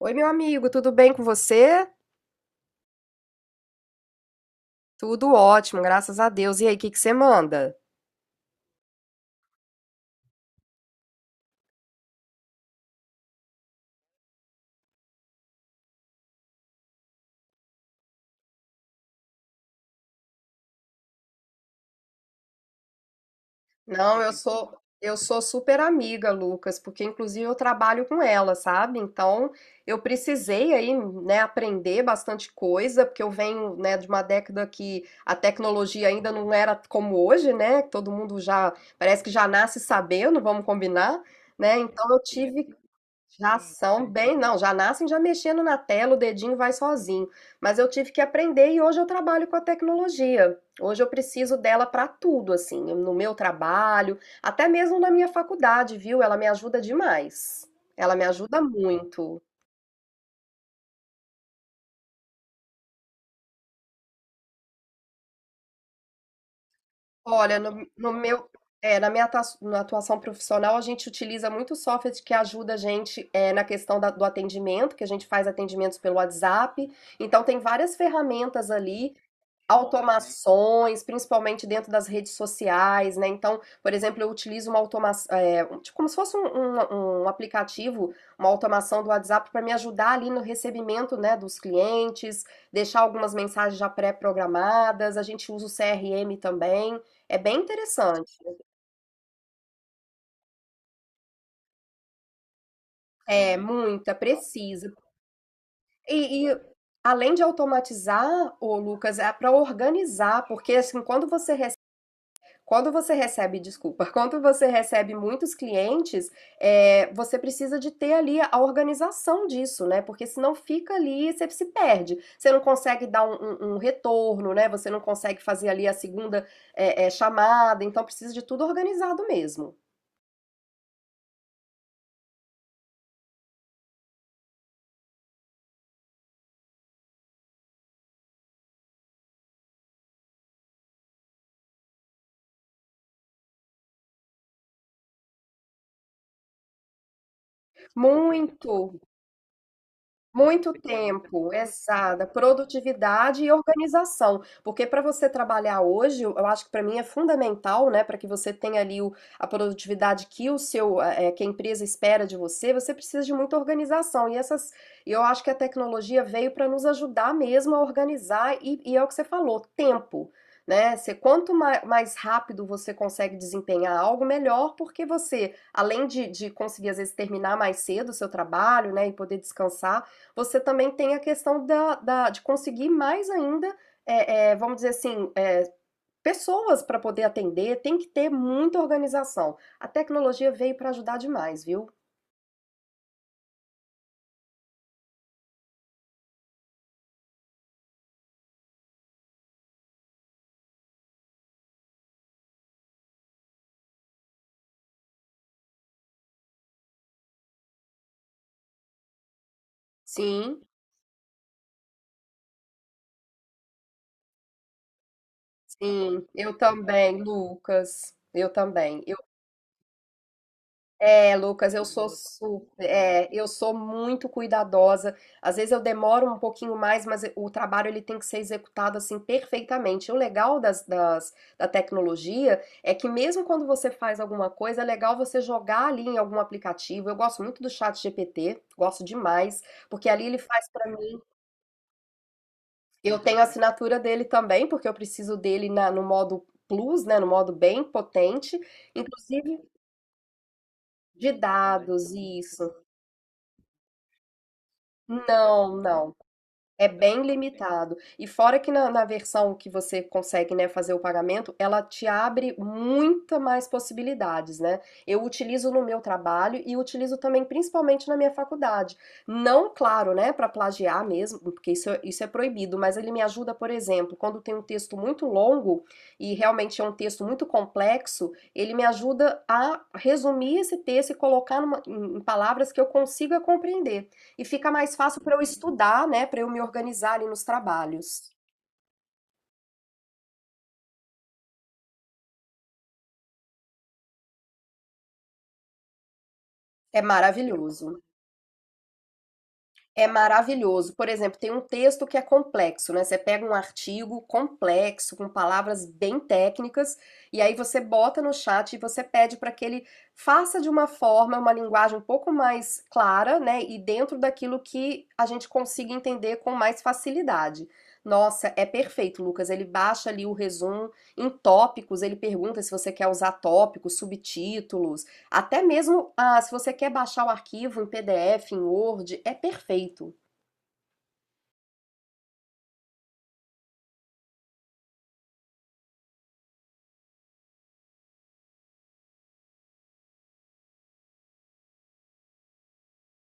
Oi, meu amigo, tudo bem com você? Tudo ótimo, graças a Deus. E aí, o que que você manda? Não, eu sou super amiga, Lucas, porque inclusive eu trabalho com ela, sabe? Então, eu precisei aí, né, aprender bastante coisa, porque eu venho, né, de uma década que a tecnologia ainda não era como hoje, né? Todo mundo já parece que já nasce sabendo, vamos combinar, né? Então, eu tive. Já são bem, não, já nascem já mexendo na tela, o dedinho vai sozinho. Mas eu tive que aprender e hoje eu trabalho com a tecnologia. Hoje eu preciso dela para tudo, assim, no meu trabalho, até mesmo na minha faculdade, viu? Ela me ajuda demais. Ela me ajuda muito. Olha, no meu, é, na minha na atuação profissional, a gente utiliza muito software que ajuda a gente é, na questão do atendimento, que a gente faz atendimentos pelo WhatsApp. Então, tem várias ferramentas ali. Automações, principalmente dentro das redes sociais, né, então, por exemplo, eu utilizo uma tipo como se fosse um aplicativo, uma automação do WhatsApp para me ajudar ali no recebimento, né, dos clientes, deixar algumas mensagens já pré-programadas, a gente usa o CRM também, é bem interessante. É, muita, precisa. E além de automatizar, ô Lucas, é para organizar, porque assim, quando você recebe, desculpa, quando você recebe muitos clientes, é, você precisa de ter ali a organização disso, né? Porque senão fica ali, você se perde. Você não consegue dar um retorno, né? Você não consegue fazer ali a segunda chamada. Então precisa de tudo organizado mesmo. Muito. Muito tempo, exata, produtividade e organização, porque para você trabalhar hoje, eu acho que para mim é fundamental, né, para que você tenha ali a produtividade que o seu, que a empresa espera de você, você precisa de muita organização e essas, e eu acho que a tecnologia veio para nos ajudar mesmo a organizar e, é o que você falou, tempo, né? Você, quanto mais rápido você consegue desempenhar algo, melhor, porque você, além de conseguir às vezes terminar mais cedo o seu trabalho, né, e poder descansar, você também tem a questão da de conseguir mais ainda, vamos dizer assim, pessoas para poder atender, tem que ter muita organização. A tecnologia veio para ajudar demais, viu? Sim, sim, eu também, Lucas, eu também. É, Lucas, eu sou super, eu sou muito cuidadosa. Às vezes eu demoro um pouquinho mais, mas o trabalho ele tem que ser executado assim perfeitamente. O legal da tecnologia é que mesmo quando você faz alguma coisa, é legal você jogar ali em algum aplicativo. Eu gosto muito do chat GPT, gosto demais, porque ali ele faz para mim. Eu tenho a assinatura dele também, porque eu preciso dele no modo Plus, né, no modo bem potente, inclusive de dados, isso. Não, não. É bem limitado. E fora que na versão que você consegue, né, fazer o pagamento, ela te abre muita mais possibilidades, né? Eu utilizo no meu trabalho e utilizo também principalmente na minha faculdade. Não, claro, né, para plagiar mesmo, porque isso, isso é proibido, mas ele me ajuda, por exemplo, quando tem um texto muito longo e realmente é um texto muito complexo, ele me ajuda a resumir esse texto e colocar em palavras que eu consiga compreender e fica mais fácil para eu estudar, né, para eu me organizar ali nos trabalhos. É maravilhoso. É maravilhoso. Por exemplo, tem um texto que é complexo, né? Você pega um artigo complexo, com palavras bem técnicas, e aí você bota no chat e você pede para que ele faça de uma forma, uma linguagem um pouco mais clara, né? E dentro daquilo que a gente consiga entender com mais facilidade. Nossa, é perfeito, Lucas. Ele baixa ali o resumo em tópicos, ele pergunta se você quer usar tópicos, subtítulos, até mesmo se você quer baixar o arquivo em PDF, em Word, é perfeito.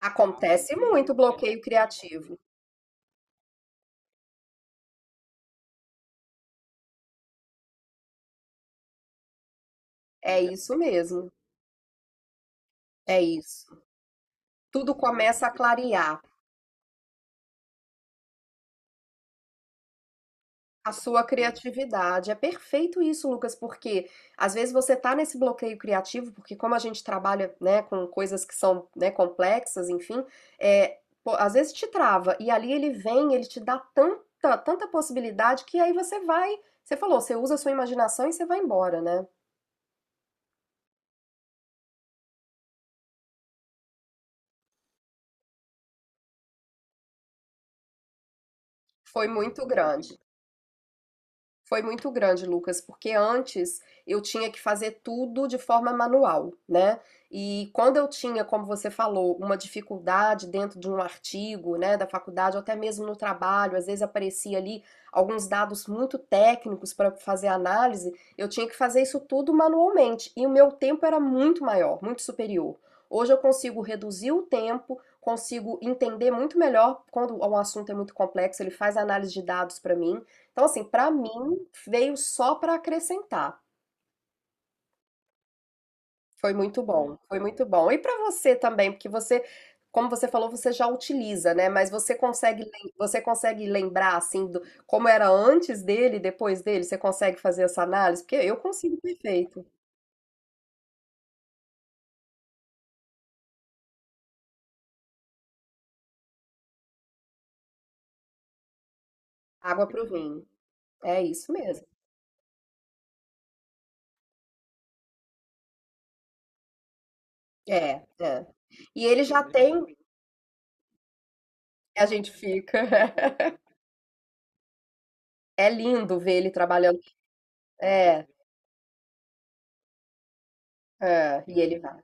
Acontece muito bloqueio criativo. É isso mesmo. É isso. Tudo começa a clarear. A sua criatividade. É perfeito isso, Lucas, porque às vezes você tá nesse bloqueio criativo, porque como a gente trabalha, né, com coisas que são, né, complexas, enfim, pô, às vezes te trava e ali ele vem, ele te dá tanta, tanta possibilidade que aí você vai, você falou, você usa a sua imaginação e você vai embora, né? Foi muito grande. Foi muito grande, Lucas, porque antes eu tinha que fazer tudo de forma manual, né? E quando eu tinha, como você falou, uma dificuldade dentro de um artigo, né, da faculdade, ou até mesmo no trabalho, às vezes aparecia ali alguns dados muito técnicos para fazer análise, eu tinha que fazer isso tudo manualmente e o meu tempo era muito maior, muito superior. Hoje eu consigo reduzir o tempo, consigo entender muito melhor quando um assunto é muito complexo, ele faz análise de dados para mim. Então, assim, para mim veio só para acrescentar. Foi muito bom, foi muito bom. E para você também, porque você, como você falou, você já utiliza, né? Mas você consegue, você consegue lembrar assim do, como era antes dele, e depois dele? Você consegue fazer essa análise? Porque eu consigo perfeito. Água pro vinho. É isso mesmo. É, é. E ele já tem, a gente fica. É lindo ver ele trabalhando. É, é, e ele vai.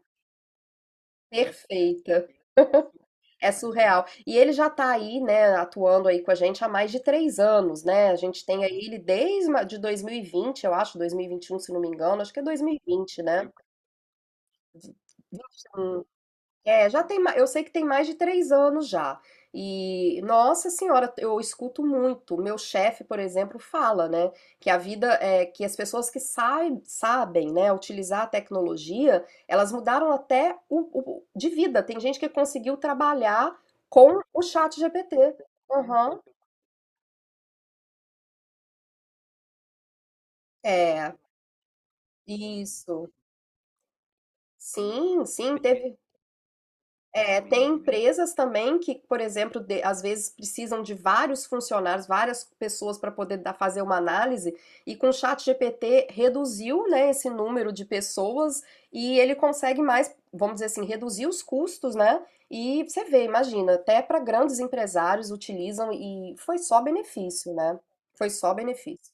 Perfeita. É surreal. E ele já tá aí, né, atuando aí com a gente há mais de 3 anos, né? A gente tem aí ele desde de 2020, eu acho, dois mil e vinte e um se não me engano, acho que é 2020, né? É, já tem, eu sei que tem mais de 3 anos já. E, nossa senhora, eu escuto muito. Meu chefe, por exemplo, fala, né, que a vida é que as pessoas que sabem, né, utilizar a tecnologia, elas mudaram até de vida. Tem gente que conseguiu trabalhar com o chat GPT. Aham. É, isso. Sim, sim, teve. É, tem empresas também que, por exemplo, às vezes precisam de vários funcionários, várias pessoas para poder fazer uma análise, e com o chat GPT reduziu, né, esse número de pessoas e ele consegue mais, vamos dizer assim, reduzir os custos, né? E você vê, imagina, até para grandes empresários utilizam e foi só benefício, né? Foi só benefício.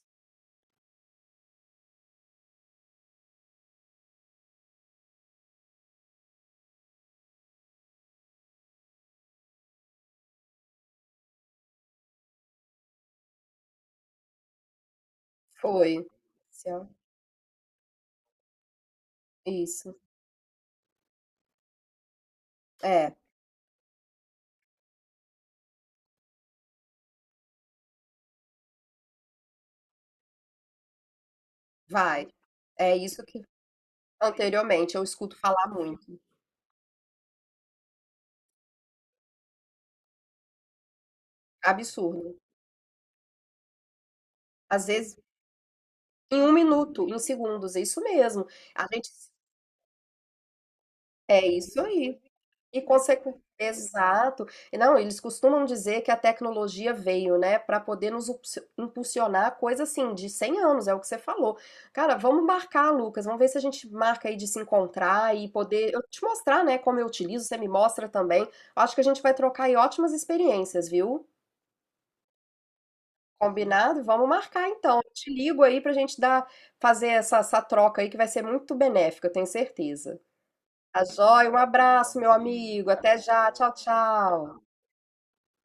Foi. Isso. É, vai. É isso que anteriormente eu escuto falar muito. Absurdo. Às vezes, em um minuto, em segundos, é isso mesmo. A gente é isso aí. E consequência. Exato. E não, eles costumam dizer que a tecnologia veio, né, para poder nos impulsionar coisa assim de 100 anos, é o que você falou. Cara, vamos marcar, Lucas, vamos ver se a gente marca aí de se encontrar e poder eu te mostrar, né, como eu utilizo, você me mostra também. Acho que a gente vai trocar aí ótimas experiências, viu? Combinado? Vamos marcar então. Eu te ligo aí pra gente dar, fazer essa troca aí que vai ser muito benéfica, eu tenho certeza. Tá joia? Um abraço, meu amigo. Até já. Tchau, tchau.